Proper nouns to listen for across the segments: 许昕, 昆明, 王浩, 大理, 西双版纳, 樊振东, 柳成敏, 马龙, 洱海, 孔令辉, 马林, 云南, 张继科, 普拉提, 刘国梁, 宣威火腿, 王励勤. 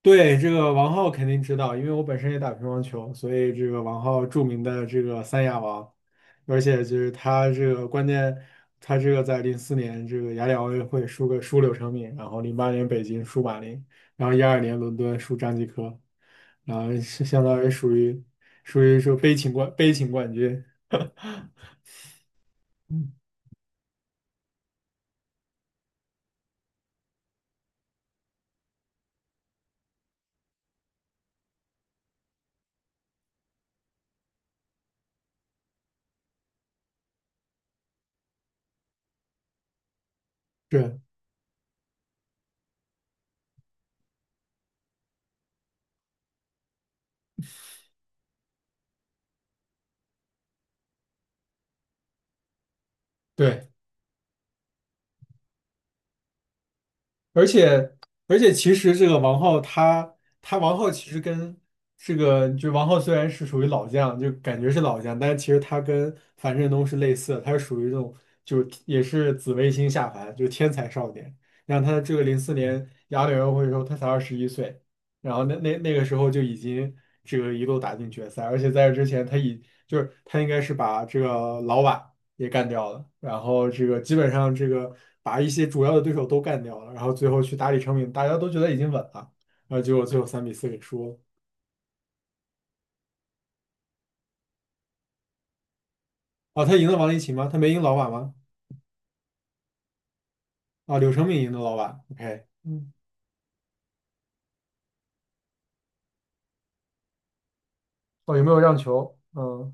对，这个王浩肯定知道，因为我本身也打乒乓球，所以这个王浩著名的这个三亚王，而且就是他这个关键，他这个在零四年这个雅典奥运会输柳成敏，然后零八年北京输马林，然后12年伦敦输张继科，然后是相当于属于说悲情冠军，对对。而且而且，其实这个王浩他他王浩其实跟这个就王浩虽然是属于老将，就感觉是老将，但是其实他跟樊振东是类似的，他是属于这种就是也是紫微星下凡，就是天才少年。然后他这个零四年雅典奥运会的时候，他才21岁，然后那个时候就已经这个一路打进决赛，而且在这之前就是他应该是把这个老瓦。也干掉了，然后这个基本上这个把一些主要的对手都干掉了，然后最后去打李成敏，大家都觉得已经稳了，然后结果最后3-4给输了。哦，他赢了王励勤吗？他没赢老瓦吗？啊，柳成敏赢了老瓦。OK，嗯，哦，有没有让球？嗯，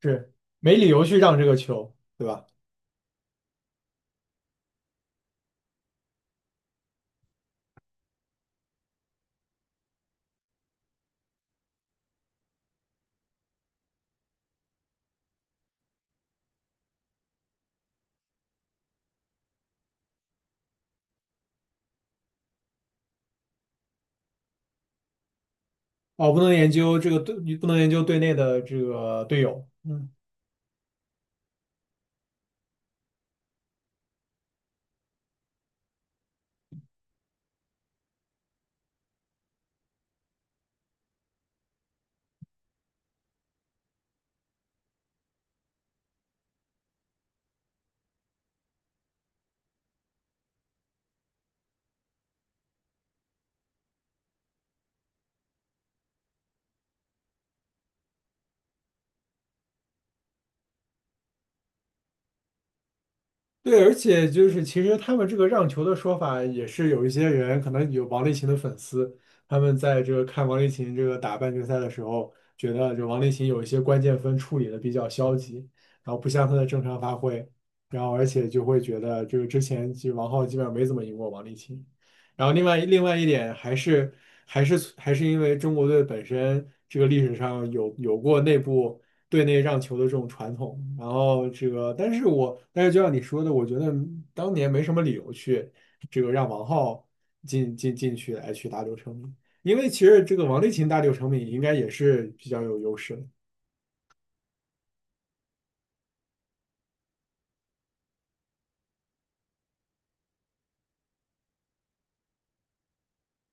是没理由去让这个球，对吧？哦，不能研究这个队，你不能研究队内的这个队友。嗯。对，而且就是其实他们这个让球的说法，也是有一些人可能有王励勤的粉丝，他们在这个看王励勤这个打半决赛的时候，觉得就王励勤有一些关键分处理的比较消极，然后不像他的正常发挥，然后而且就会觉得这个之前其实王皓基本上没怎么赢过王励勤，然后另外一点还是因为中国队本身这个历史上有过内部。队内让球的这种传统。然后这个，但是就像你说的，我觉得当年没什么理由去这个让王皓进去打柳成敏，因为其实这个王励勤打柳成敏应该也是比较有优势的，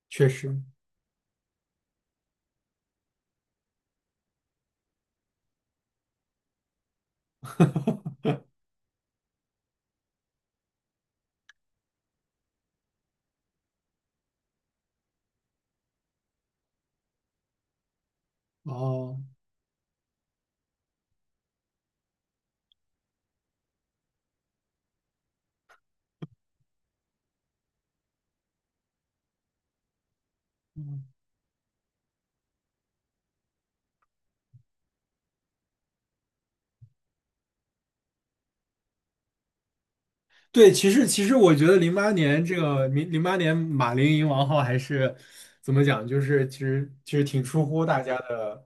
确实。哦，嗯对，其实我觉得2008年马林赢王皓还是怎么讲，就是其实挺出乎大家的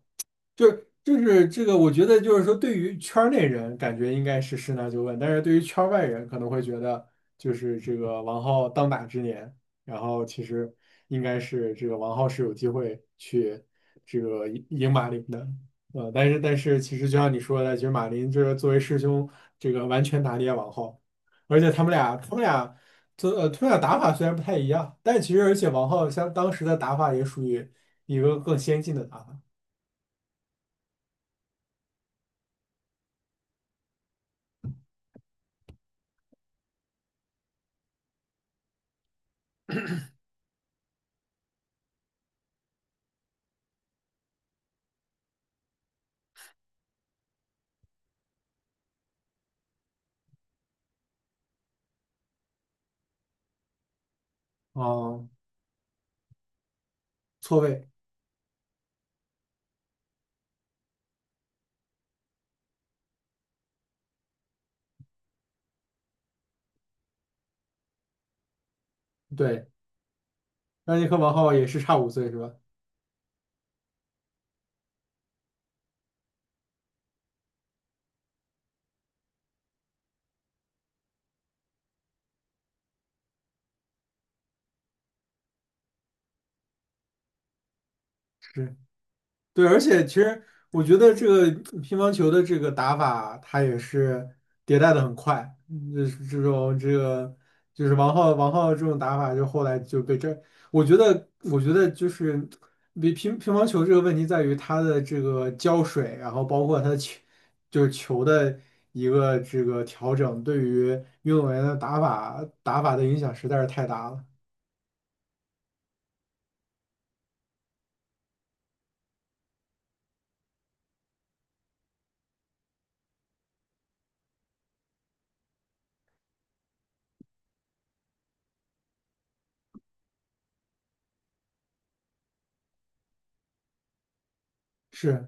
就是这个，我觉得就是说，对于圈儿内人，感觉应该是十那就问，但是对于圈儿外人，可能会觉得就是这个王浩当打之年，然后其实应该是这个王浩是有机会去这个赢马林的，但是其实就像你说的，其实马林就是作为师兄，这个完全打脸王浩，而且他们俩打法虽然不太一样，但其实而且王浩像当时的打法也属于一个更先进的打法。哦，错位，对，让尼克王浩也是差5岁是吧？是，对，而且其实我觉得这个乒乓球的这个打法，它也是迭代的很快，嗯就是这种这个就是王浩这种打法，就后来就被这，我觉得就是乒乓球这个问题在于它的这个胶水，然后包括它的球就是球的一个这个调整，对于运动员的打法的影响实在是太大了，是。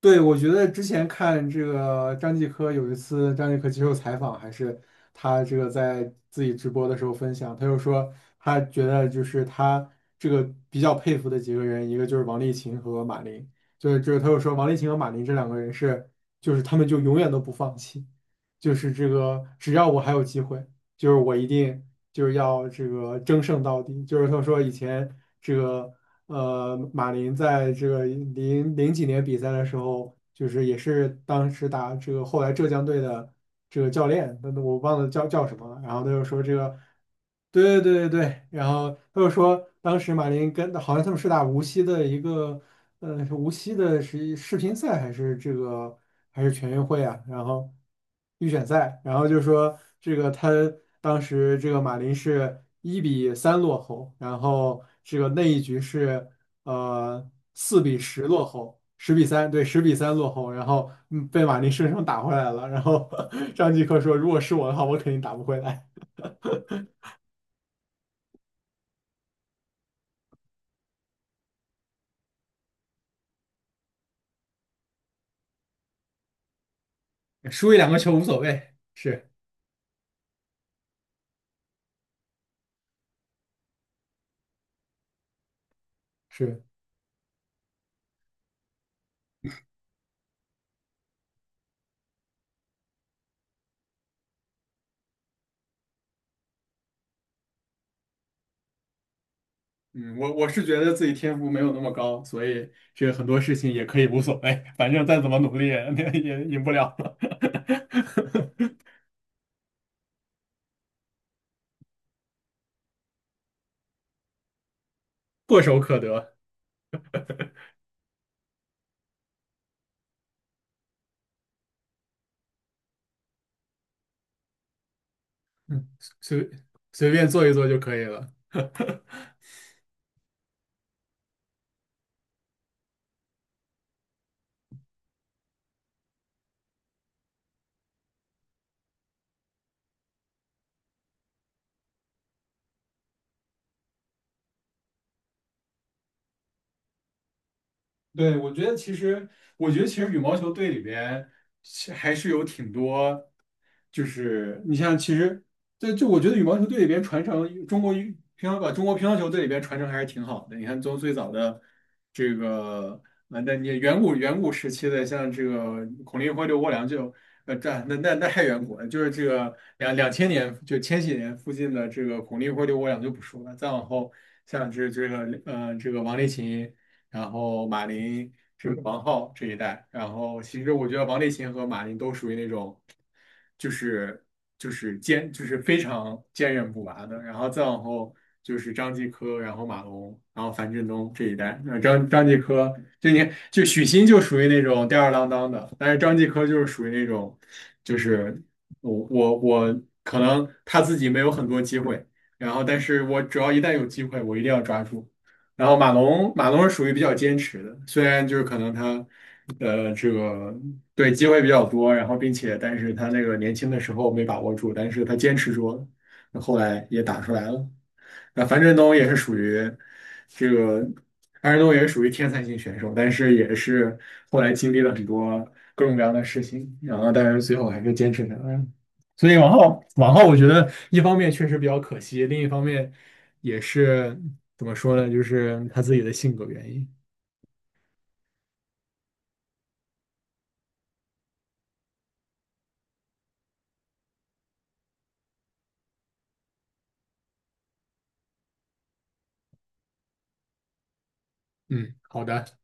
对，我觉得之前看这个张继科有一次张继科接受采访，还是他这个在自己直播的时候分享，他就说他觉得就是他这个比较佩服的几个人，一个就是王励勤和马琳，就是他又说王励勤和马琳这两个人是就是他们就永远都不放弃，就是这个只要我还有机会，就是我一定就是要这个争胜到底。就是他说以前这个马林在这个零零几年比赛的时候，就是也是当时打这个后来浙江队的这个教练，那我忘了叫什么了。然后他就说这个，对对对对对，然后他就说当时马林跟好像他们是打无锡的一个，呃，是无锡的是世乒赛还是全运会啊？然后。预选赛，然后就说这个他当时这个马林是1-3落后，然后这个那一局是4-10落后，十比三，对，十比三落后，然后被马林生生打回来了。然后 张继科说，如果是我的话，我肯定打不回来。输一两个球无所谓。是是，嗯，我是觉得自己天赋没有那么高，所以这个很多事情也可以无所谓，反正再怎么努力也 也赢不了。唾手可得，嗯，随随便做一做就可以了。对，我觉得其实羽毛球队里边还是有挺多，就是你像其实，对，就我觉得羽毛球队里边传承中国乒乓球队里边传承还是挺好的。你看从最早的这个啊，那你远古时期的像这个孔令辉、刘国梁就这那那那太远古了，就是这个两千年就千禧年附近的这个孔令辉、刘国梁就不说了，再往后像这个王励勤。然后马琳是王浩这一代，然后其实我觉得王励勤和马琳都属于那种，就是就是坚就是非常坚韧不拔的，然后再往后就是张继科，然后马龙，然后樊振东这一代，那张继科就你就许昕就属于那种吊儿郎当的，但是张继科就是属于那种，就是我我我可能他自己没有很多机会，然后但是我只要一旦有机会，我一定要抓住。然后马龙是属于比较坚持的，虽然就是可能他，这个对机会比较多，然后并且但是他那个年轻的时候没把握住，但是他坚持住了，后来也打出来了。那这个，樊振东也是属于天才型选手，但是也是后来经历了很多各种各样的事情，然后但是最后还是坚持下来了。所以往后，我觉得一方面确实比较可惜，另一方面也是怎么说呢，就是他自己的性格原因。嗯，好的。